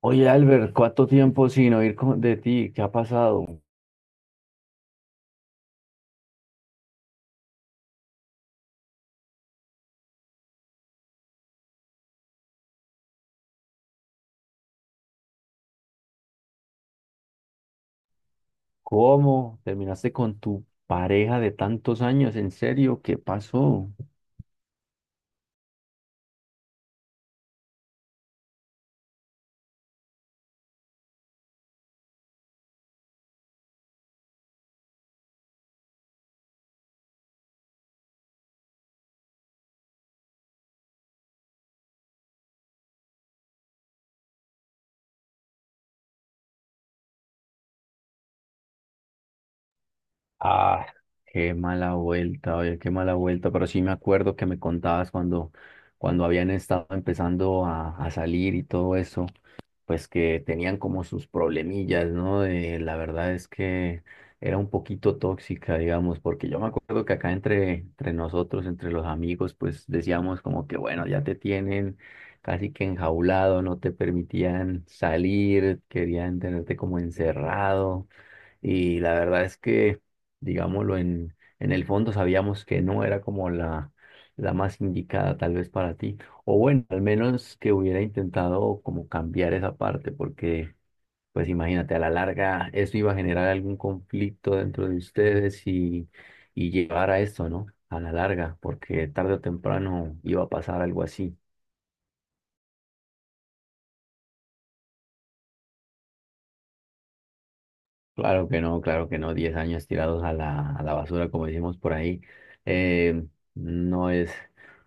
Oye, Albert, ¿cuánto tiempo sin oír de ti? ¿Qué ha pasado? ¿Cómo terminaste con tu pareja de tantos años? ¿En serio? ¿Qué pasó? Ah, qué mala vuelta, oye, qué mala vuelta. Pero sí me acuerdo que me contabas cuando habían estado empezando a salir y todo eso. Pues que tenían como sus problemillas, ¿no? La verdad es que era un poquito tóxica, digamos, porque yo me acuerdo que acá entre nosotros, entre los amigos, pues decíamos como que, bueno, ya te tienen casi que enjaulado, no te permitían salir, querían tenerte como encerrado. Y la verdad es que, digámoslo, en el fondo sabíamos que no era como la más indicada tal vez para ti. O bueno, al menos que hubiera intentado como cambiar esa parte, porque pues imagínate, a la larga eso iba a generar algún conflicto dentro de ustedes y llevar a esto, ¿no? A la larga, porque tarde o temprano iba a pasar algo así. Claro que no, claro que no. 10 años tirados a la basura, como decimos por ahí, eh, no es,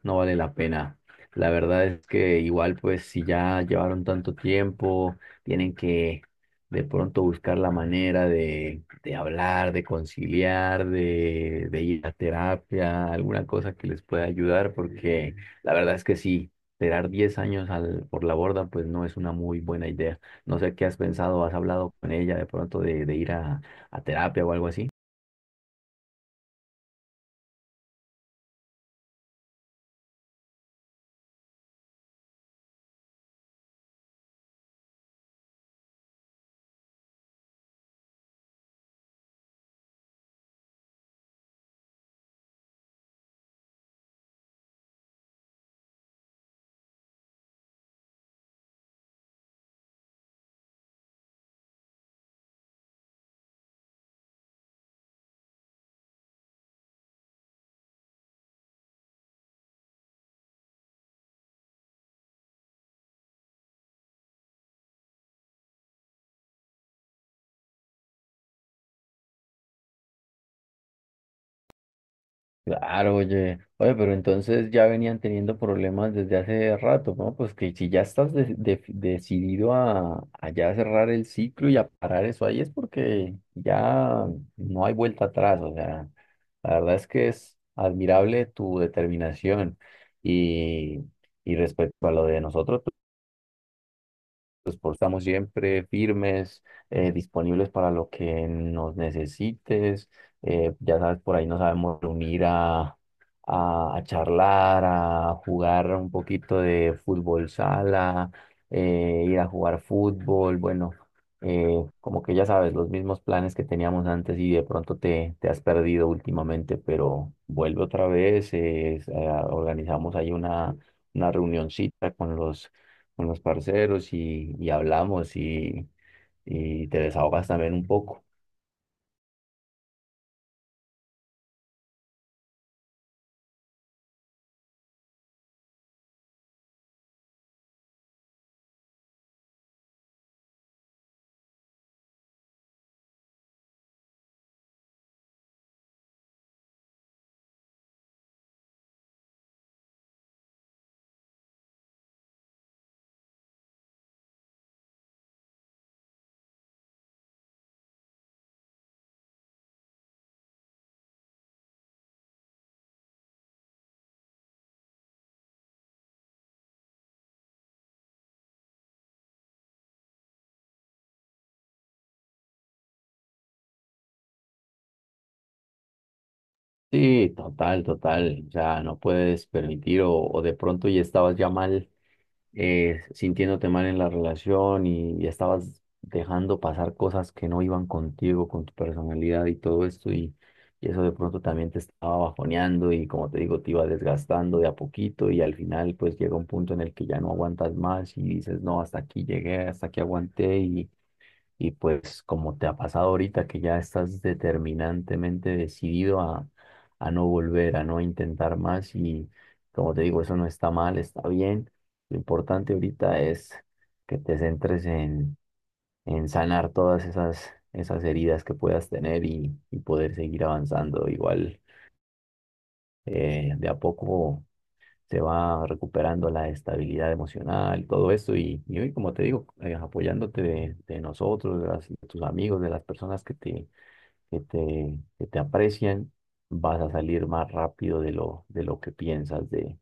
no vale la pena. La verdad es que igual, pues, si ya llevaron tanto tiempo, tienen que de pronto buscar la manera de hablar, de conciliar, de ir a terapia, alguna cosa que les pueda ayudar, porque la verdad es que sí, tirar 10 años por la borda, pues no es una muy buena idea. No sé qué has pensado, has hablado con ella de pronto de ir a terapia o algo así. Claro, oye, oye, pero entonces ya venían teniendo problemas desde hace rato, ¿no? Pues que si ya estás decidido a ya cerrar el ciclo y a parar eso ahí es porque ya no hay vuelta atrás, o sea, la verdad es que es admirable tu determinación y, y respecto a lo de nosotros. Los estamos siempre firmes, disponibles para lo que nos necesites. Ya sabes, por ahí nos sabemos reunir a charlar, a jugar un poquito de fútbol sala, ir a jugar fútbol. Bueno, como que ya sabes, los mismos planes que teníamos antes y de pronto te has perdido últimamente, pero vuelve otra vez. Organizamos ahí una reunioncita con los parceros y hablamos y te desahogas también un poco. Sí, total, total. O sea no puedes permitir o, de pronto ya estabas ya mal, sintiéndote mal en la relación y ya estabas dejando pasar cosas que no iban contigo, con tu personalidad y todo esto y eso de pronto también te estaba bajoneando y como te digo, te iba desgastando de a poquito y al final pues llega un punto en el que ya no aguantas más y dices, no, hasta aquí llegué, hasta aquí aguanté. Y pues como te ha pasado ahorita que ya estás determinantemente decidido a no volver, a no intentar más y como te digo, eso no está mal, está bien. Lo importante ahorita es que te centres en sanar todas esas heridas que puedas tener y poder seguir avanzando. Igual de a poco se va recuperando la estabilidad emocional, todo eso. Y hoy, como te digo, apoyándote de nosotros, de tus amigos, de las personas que te aprecian, vas a salir más rápido de lo que piensas de,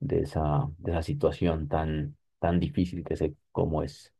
de esa, de esa situación tan difícil que sé cómo es.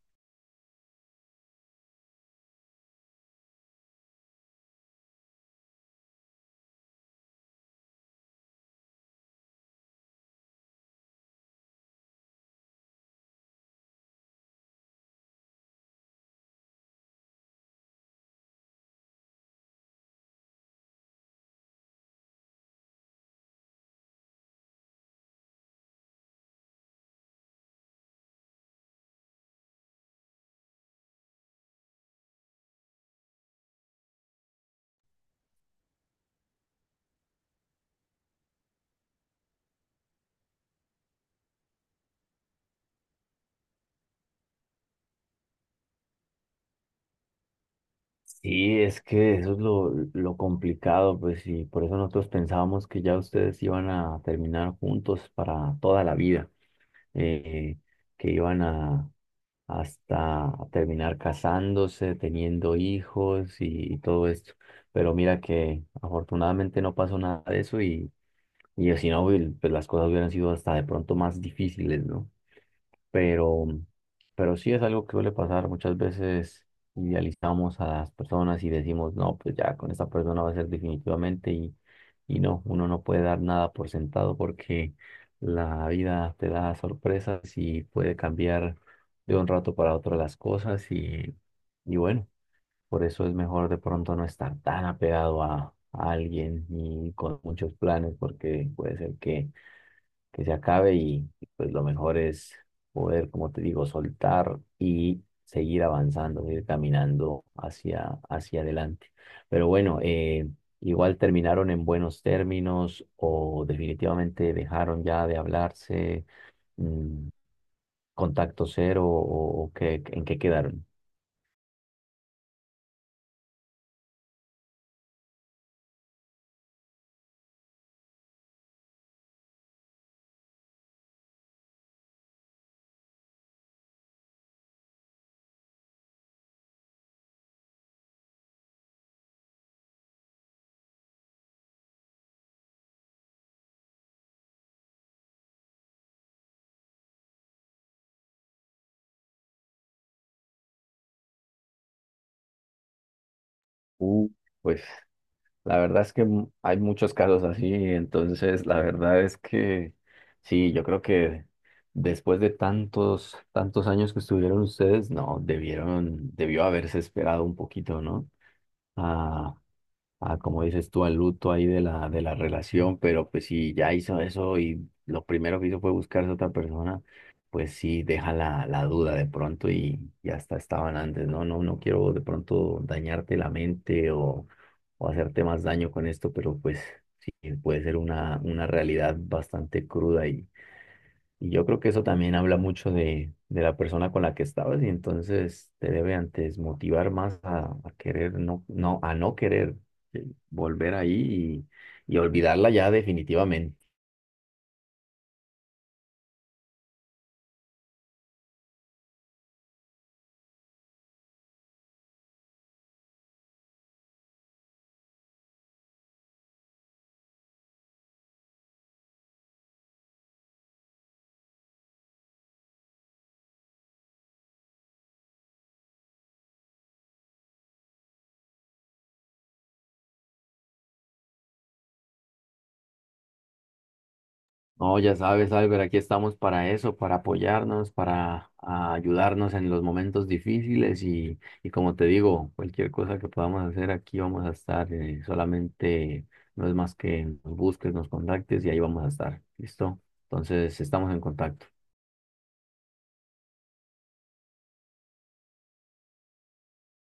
Sí, es que eso es lo complicado, pues, y por eso nosotros pensábamos que ya ustedes iban a terminar juntos para toda la vida. eh, que iban hasta terminar casándose, teniendo hijos y todo esto. Pero mira que afortunadamente no pasó nada de eso y si no, pues las cosas hubieran sido hasta de pronto más difíciles, ¿no? pero, pero sí es algo que suele pasar. Muchas veces idealizamos a las personas y decimos, no, pues ya con esta persona va a ser definitivamente y no, uno no puede dar nada por sentado porque la vida te da sorpresas y puede cambiar de un rato para otro las cosas y bueno, por eso es mejor de pronto no estar tan apegado a alguien y con muchos planes porque puede ser que se acabe y, pues lo mejor es poder, como te digo, soltar y seguir avanzando, ir caminando hacia adelante. Pero bueno, igual terminaron en buenos términos o definitivamente dejaron ya de hablarse, mm, contacto cero o en qué quedaron. Uh, pues la verdad es que hay muchos casos así, entonces la verdad es que sí, yo creo que después de tantos, tantos años que estuvieron ustedes, no, debió haberse esperado un poquito, ¿no? Ah, ah, como dices tú, al luto ahí de la relación, pero pues si ya hizo eso y lo primero que hizo fue buscarse a otra persona, pues sí deja la duda de pronto y hasta estaban antes, no, no, no quiero de pronto dañarte la mente o hacerte más daño con esto, pero pues sí, puede ser una realidad bastante cruda y yo creo que eso también habla mucho de la persona con la que estabas y entonces te debe antes motivar más a querer, no, no, a no querer volver ahí y olvidarla ya definitivamente. No, ya sabes, Albert, aquí estamos para eso, para apoyarnos, para ayudarnos en los momentos difíciles y como te digo, cualquier cosa que podamos hacer aquí vamos a estar, solamente no es más que nos busques, nos contactes y ahí vamos a estar, ¿listo? Entonces estamos en contacto.